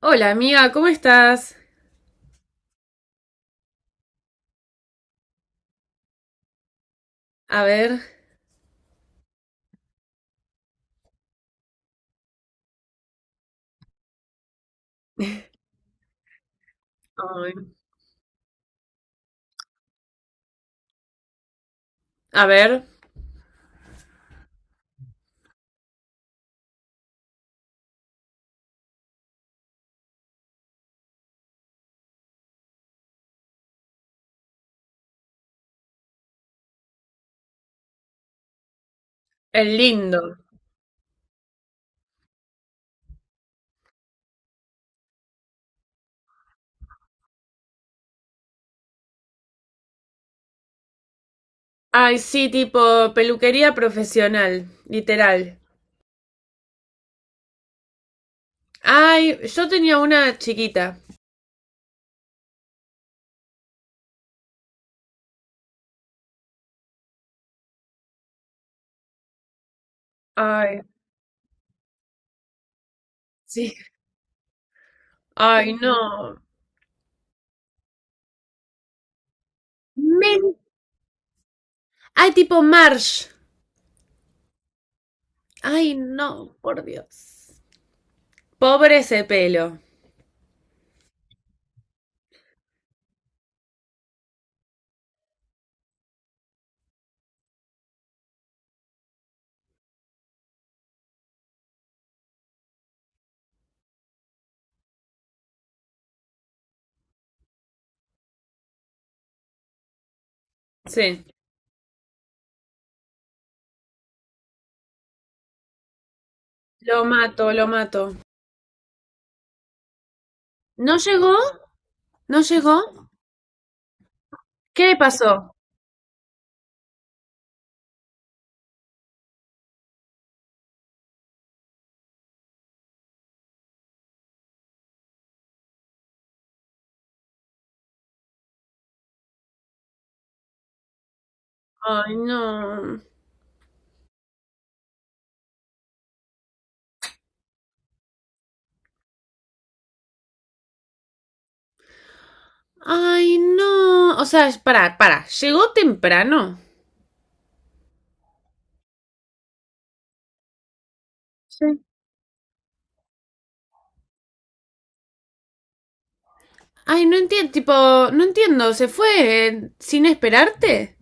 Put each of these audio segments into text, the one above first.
Hola amiga, ¿cómo estás? A ver, ay, a ver, el lindo. Ay, sí, tipo peluquería profesional, literal. Ay, yo tenía una chiquita. Ay, sí. Ay, no. Men- Ay, tipo Marsh. Ay, no, por Dios. Pobre ese pelo. Sí. Lo mato, lo mato. ¿No llegó? ¿No llegó? ¿Qué le pasó? Ay, no. Ay, no. O sea, para, para. Llegó temprano. Sí. Ay, no entiendo. Tipo, no entiendo. ¿Se fue sin esperarte?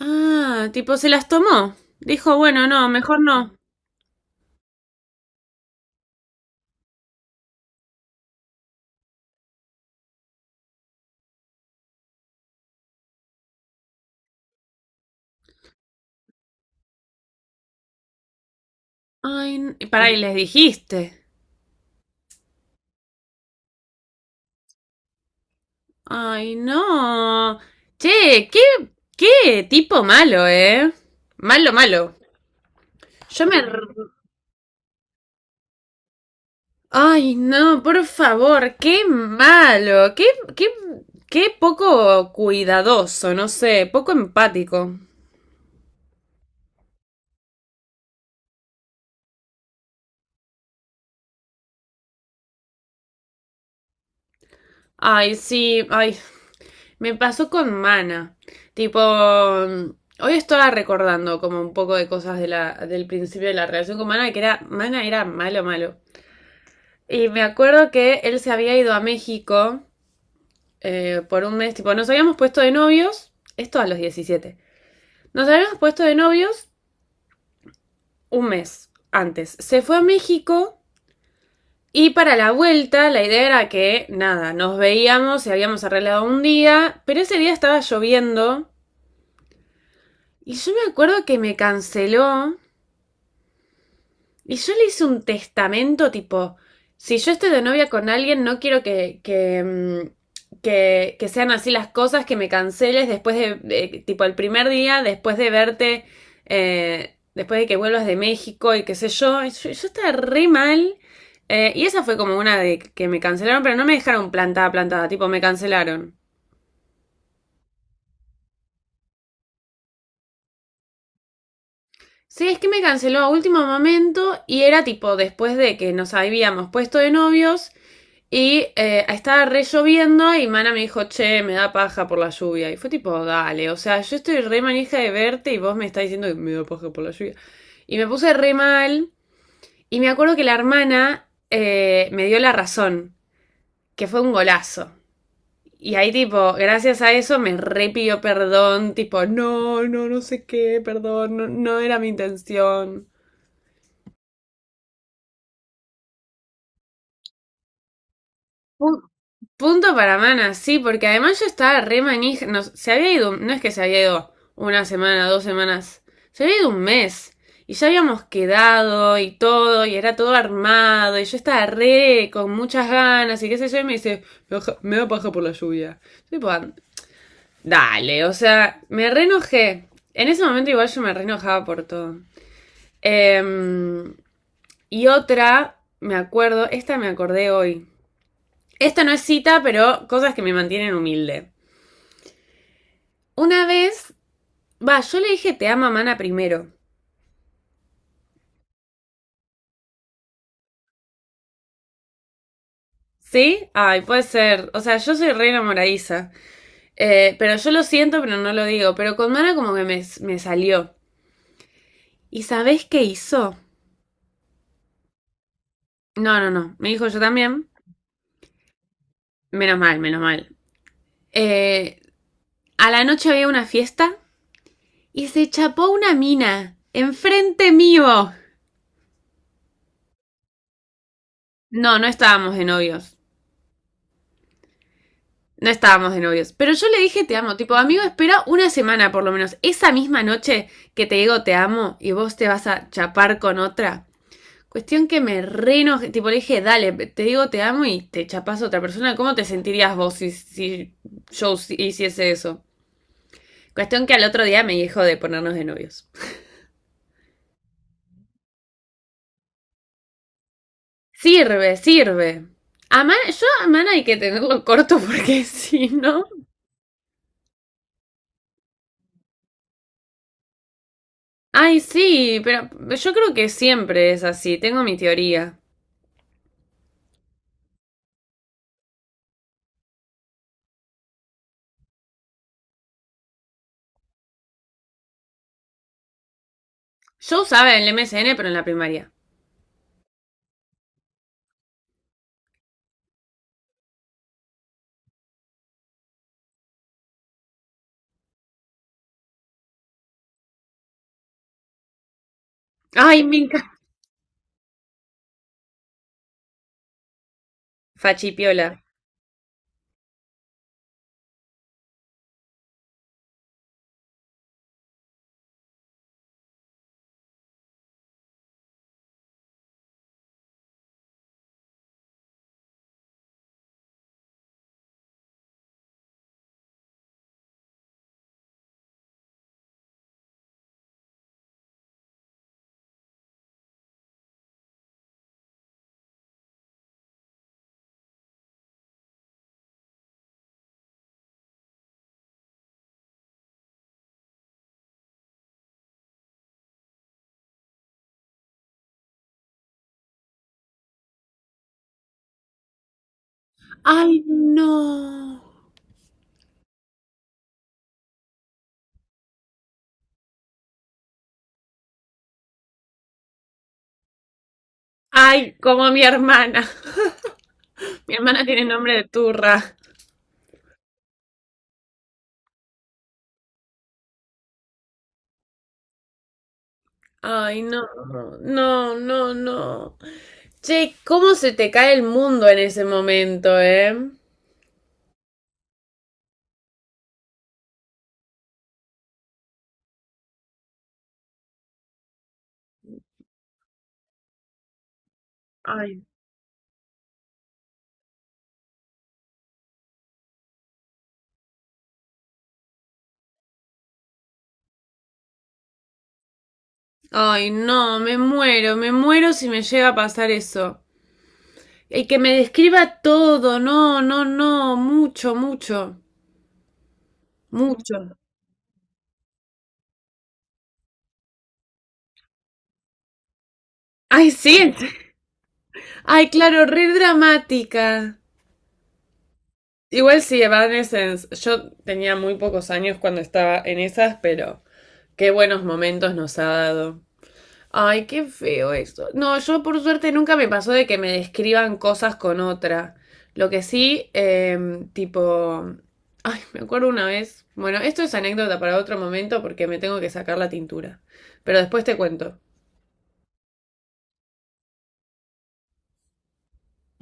Ah, tipo, se las tomó. Dijo, bueno, no, mejor no. Ay, y para, y les dijiste. Ay, no. Che, qué, qué tipo malo, ¿eh? Malo, malo. Yo me... Ay, no, por favor, qué malo, qué, qué, qué poco cuidadoso, no sé, poco empático. Ay, sí, ay, me pasó con Mana. Tipo, hoy estaba recordando como un poco de cosas de la, del principio de la relación con Mana, que era, Mana era malo, malo. Y me acuerdo que él se había ido a México por un mes, tipo, nos habíamos puesto de novios, esto a los 17. Nos habíamos puesto de novios un mes antes. Se fue a México y para la vuelta la idea era que, nada, nos veíamos y habíamos arreglado un día, pero ese día estaba lloviendo y yo me acuerdo que me canceló. Y yo le hice un testamento tipo, si yo estoy de novia con alguien, no quiero que, que sean así las cosas, que me canceles después de, tipo, el primer día, después de verte, después de que vuelvas de México y qué sé yo. Y yo estaba re mal. Y esa fue como una de que me cancelaron, pero no me dejaron plantada, plantada, tipo, me cancelaron. Sí, es que me canceló a último momento y era tipo después de que nos habíamos puesto de novios. Y estaba re lloviendo y Mana me dijo, che, me da paja por la lluvia. Y fue tipo, dale, o sea, yo estoy re manija de verte y vos me estás diciendo que me da paja por la lluvia. Y me puse re mal. Y me acuerdo que la hermana me dio la razón, que fue un golazo. Y ahí tipo, gracias a eso me re pidió perdón, tipo, no, no, no sé qué, perdón, no, no era mi intención. Punto para Mana, sí, porque además yo estaba re manija. No, se había ido, no es que se había ido una semana, dos semanas, se había ido un mes. Y ya habíamos quedado y todo, y era todo armado, y yo estaba re con muchas ganas, y qué sé yo, y me dice, me, da paja por la lluvia. Yo tipo, "Ah, dale, o sea, me re enojé. En ese momento igual yo me re enojaba por todo. Em, y otra, me acuerdo, esta me acordé hoy. Esta no es cita, pero cosas que me mantienen humilde. Una vez, va, yo le dije te ama Mana primero. ¿Sí? Ay, puede ser. O sea, yo soy re enamoradiza. Pero yo lo siento, pero no lo digo. Pero con Mana como que me salió. ¿Y sabés qué hizo? No, no, no. Me dijo yo también. Menos mal, menos mal. Eh, a la noche había una fiesta y se chapó una mina. Enfrente mío. No, no estábamos de novios. No estábamos de novios. Pero yo le dije te amo. Tipo, amigo, espera una semana por lo menos. Esa misma noche que te digo te amo y vos te vas a chapar con otra. Cuestión que me reno. Tipo, le dije, dale, te digo te amo y te chapas a otra persona. ¿Cómo te sentirías vos si yo si, hiciese eso? Cuestión que al otro día me dijo de ponernos de novios. Sirve, sirve. A man, yo a man hay que tenerlo corto porque si no. Ay, sí, pero yo creo que siempre es así. Tengo mi teoría. Yo usaba el MSN, pero en la primaria. Ay, me encanta. Fachipiola. Ay, no. Ay, como mi hermana. Mi hermana tiene nombre de turra. Ay, no, no, no, no. Che, ¿cómo se te cae el mundo en ese momento, eh? Ay. Ay, no, me muero si me llega a pasar eso. Y que me describa todo, no, no, no, mucho, mucho, mucho. Ay, sí. Ay, claro, re dramática. Igual sí, Evanescence. Yo tenía muy pocos años cuando estaba en esas, pero qué buenos momentos nos ha dado. Ay, qué feo eso. No, yo por suerte nunca me pasó de que me describan cosas con otra. Lo que sí, tipo... Ay, me acuerdo una vez. Bueno, esto es anécdota para otro momento porque me tengo que sacar la tintura. Pero después te cuento.